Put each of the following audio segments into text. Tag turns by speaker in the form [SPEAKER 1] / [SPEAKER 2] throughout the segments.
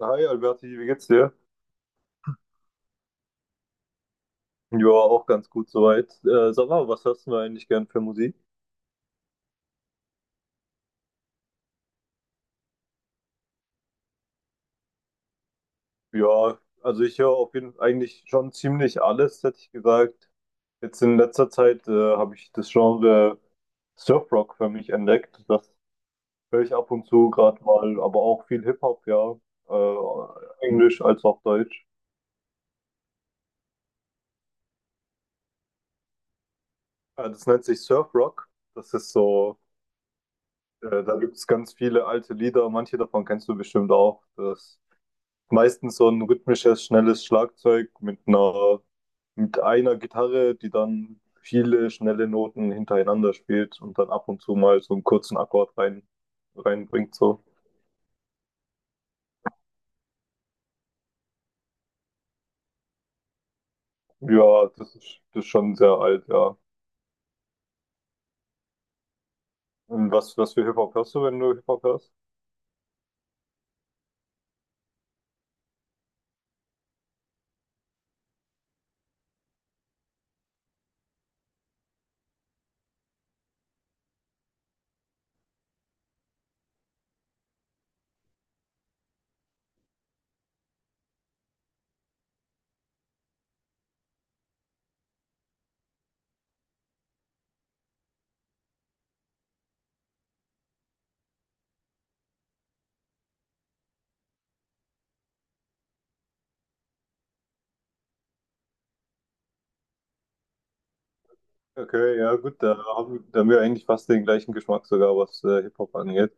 [SPEAKER 1] Hi Alberti, wie geht's dir? Ja, auch ganz gut soweit. Sag mal, was hörst du eigentlich gern für Musik? Ja, also ich höre auf jeden Fall eigentlich schon ziemlich alles, hätte ich gesagt. Jetzt in letzter Zeit habe ich das Genre Surfrock für mich entdeckt. Das höre ich ab und zu gerade mal, aber auch viel Hip-Hop, ja. Englisch als auch Deutsch. Das nennt sich Surfrock. Das ist so, da gibt es ganz viele alte Lieder, manche davon kennst du bestimmt auch. Das meistens so ein rhythmisches, schnelles Schlagzeug mit einer Gitarre, die dann viele schnelle Noten hintereinander spielt und dann ab und zu mal so einen kurzen Akkord reinbringt, so. Ja, das ist schon sehr alt, ja. Und was für Hip-Hop hörst du, wenn du Hip-Hop hörst? Okay, ja gut, da haben wir eigentlich fast den gleichen Geschmack sogar, was Hip-Hop angeht.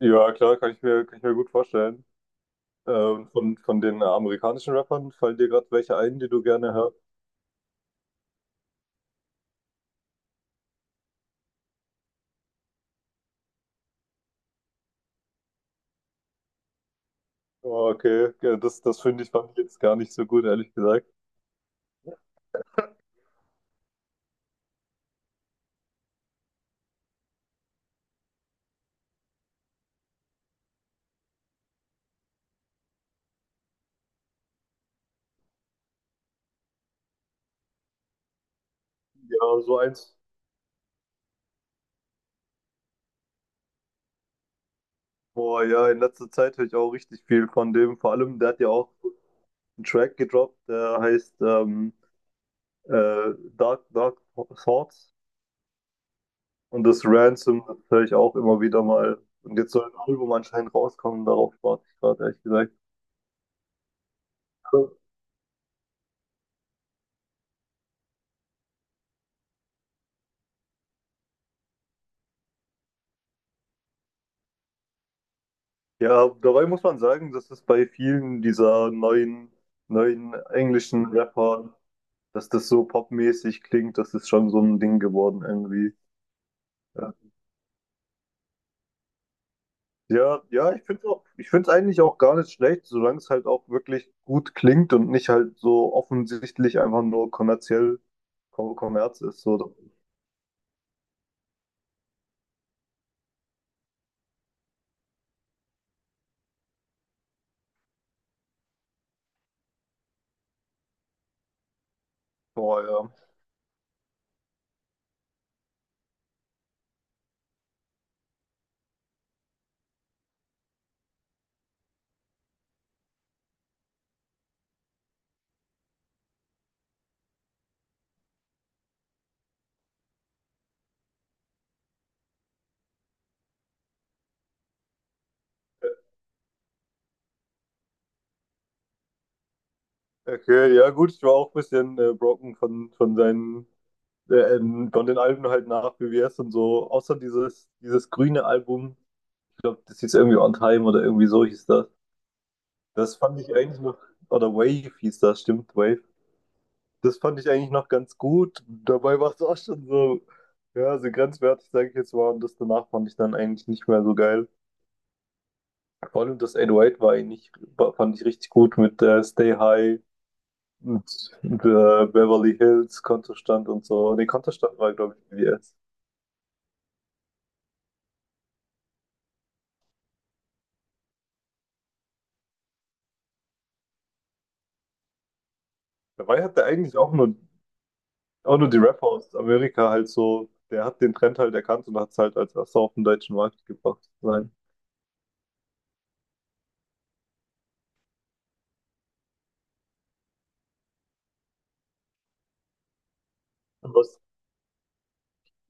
[SPEAKER 1] Ja, klar, kann ich mir gut vorstellen. Und von den amerikanischen Rappern fallen dir gerade welche ein, die du gerne hörst? Oh, okay, ja, das fand ich jetzt gar nicht so gut, ehrlich gesagt. Ja, so eins. Boah, ja, in letzter Zeit höre ich auch richtig viel von dem. Vor allem, der hat ja auch einen Track gedroppt, der heißt Dark Thoughts. Und das Ransom, das höre ich auch immer wieder mal. Und jetzt soll ein Album anscheinend rauskommen, darauf warte ich gerade, ehrlich gesagt. Also, ja, dabei muss man sagen, dass es bei vielen dieser neuen englischen Rapper dass das so popmäßig klingt, das ist schon so ein Ding geworden irgendwie. Ja, ja, ja, ich finde es eigentlich auch gar nicht schlecht, solange es halt auch wirklich gut klingt und nicht halt so offensichtlich einfach nur kommerziell Kommerz ist. So. Boah, ja. Ä- Okay, ja gut, ich war auch ein bisschen broken von den Alben halt nach BWS und so, außer dieses grüne Album, ich glaube, das hieß irgendwie On Time oder irgendwie so hieß das. Das fand ich eigentlich noch, oder Wave hieß das, stimmt, Wave. Das fand ich eigentlich noch ganz gut. Dabei war es auch schon so, ja, so grenzwertig, sage ich jetzt mal. Und das danach fand ich dann eigentlich nicht mehr so geil. Vor allem das 808 war eigentlich, fand ich richtig gut mit Stay High und Beverly Hills, Kontostand und so. Nee, Kontostand war, glaube ich, BBS. Dabei hat der eigentlich auch nur die Rapper aus Amerika halt so, der hat den Trend halt erkannt und hat es halt als erster auf den deutschen Markt gebracht. Nein. Und Was,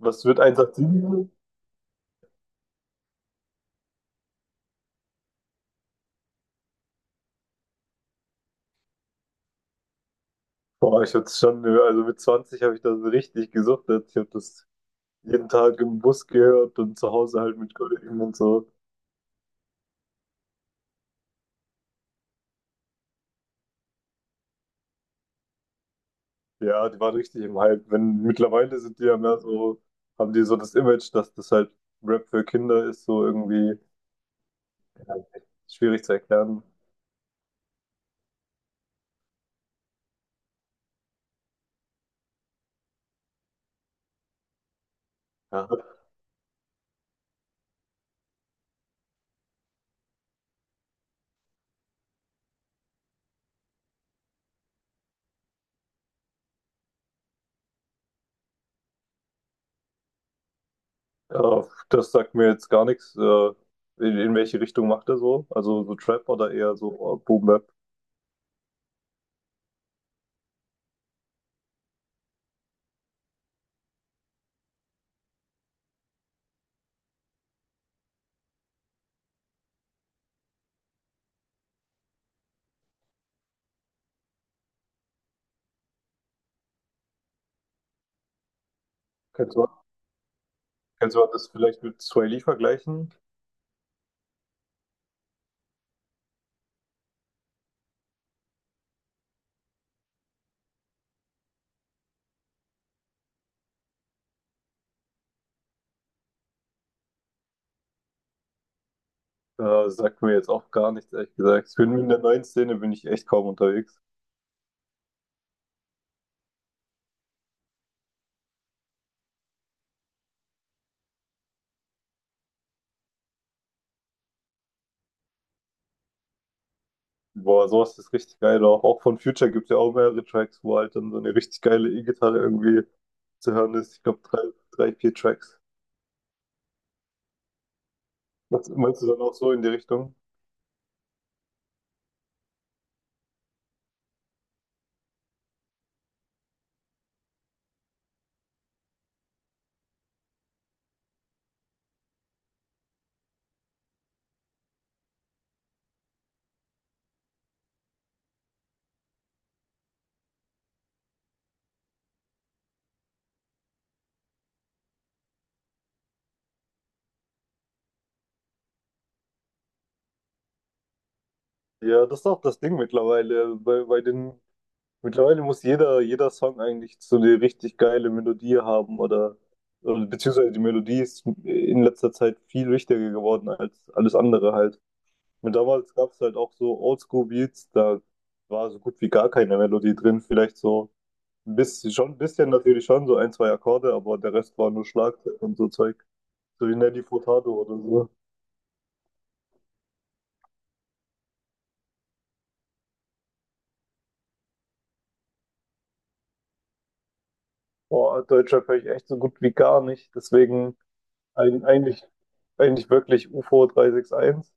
[SPEAKER 1] was wird 187? Boah, ich hab's schon, also mit 20 habe ich das richtig gesuchtet. Ich habe das jeden Tag im Bus gehört und zu Hause halt mit Kollegen und so. Ja, die waren richtig im Hype. Wenn mittlerweile sind die ja mehr so, haben die so das Image, dass das halt Rap für Kinder ist, so irgendwie ja, schwierig zu erklären. Ja. Äh, das sagt mir jetzt gar nichts. In welche Richtung macht er so? Also so Trap oder eher so Boom Bap? Kannst du, kannst du das vielleicht mit Sway Lee vergleichen? Ja, sagt mir jetzt auch gar nichts, ehrlich gesagt. Ich bin in der neuen Szene bin ich echt kaum unterwegs. Boah, sowas ist richtig geil. Auch von Future gibt es ja auch mehrere Tracks, wo halt dann so eine richtig geile E-Gitarre irgendwie zu hören ist. Ich glaube, vier Tracks. Was meinst du dann auch so in die Richtung? Ja, das ist auch das Ding mittlerweile. Mittlerweile muss jeder Song eigentlich so eine richtig geile Melodie haben oder beziehungsweise die Melodie ist in letzter Zeit viel wichtiger geworden als alles andere halt. Und damals gab es halt auch so Oldschool-Beats, da war so gut wie gar keine Melodie drin. Vielleicht so ein bisschen, schon ein bisschen natürlich schon, so ein, zwei Akkorde, aber der Rest war nur Schlagzeug und so Zeug. So wie Nelly Furtado oder so. Boah, Deutschrap höre ich echt so gut wie gar nicht. Deswegen ein, eigentlich, eigentlich wirklich UFO 361.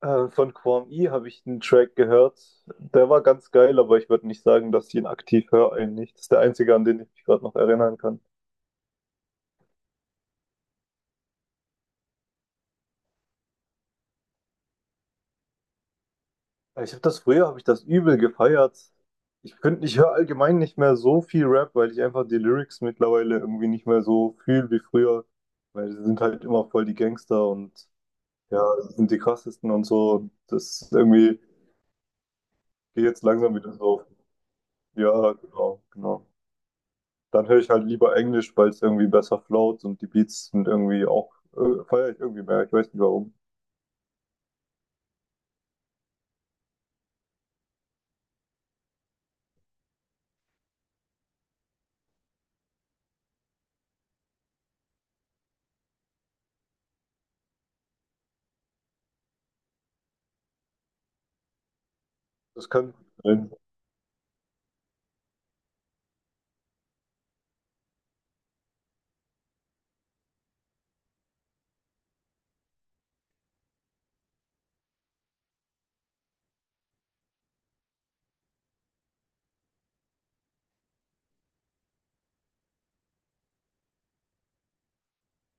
[SPEAKER 1] Von Quam I habe ich einen Track gehört. Der war ganz geil, aber ich würde nicht sagen, dass ich ihn aktiv höre eigentlich. Das ist der einzige, an den ich mich gerade noch erinnern kann. Ich habe das früher, habe ich das übel gefeiert. Ich höre allgemein nicht mehr so viel Rap, weil ich einfach die Lyrics mittlerweile irgendwie nicht mehr so fühle wie früher, weil sie sind halt immer voll die Gangster und ja, sie sind die krassesten und so. Und das ist irgendwie geht jetzt langsam wieder so. Ja, genau, genau. Dann höre ich halt lieber Englisch, weil es irgendwie besser float und die Beats sind irgendwie auch, feiere ich irgendwie mehr. Ich weiß nicht warum. Das kann sein.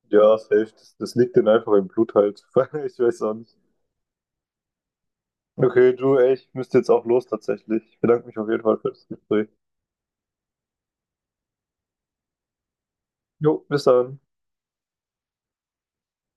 [SPEAKER 1] Ja, safe. Das liegt denen einfach im Blut halt. Ich weiß auch nicht. Okay, du, ey, ich müsste jetzt auch los tatsächlich. Ich bedanke mich auf jeden Fall für das Gespräch. Jo, bis dann.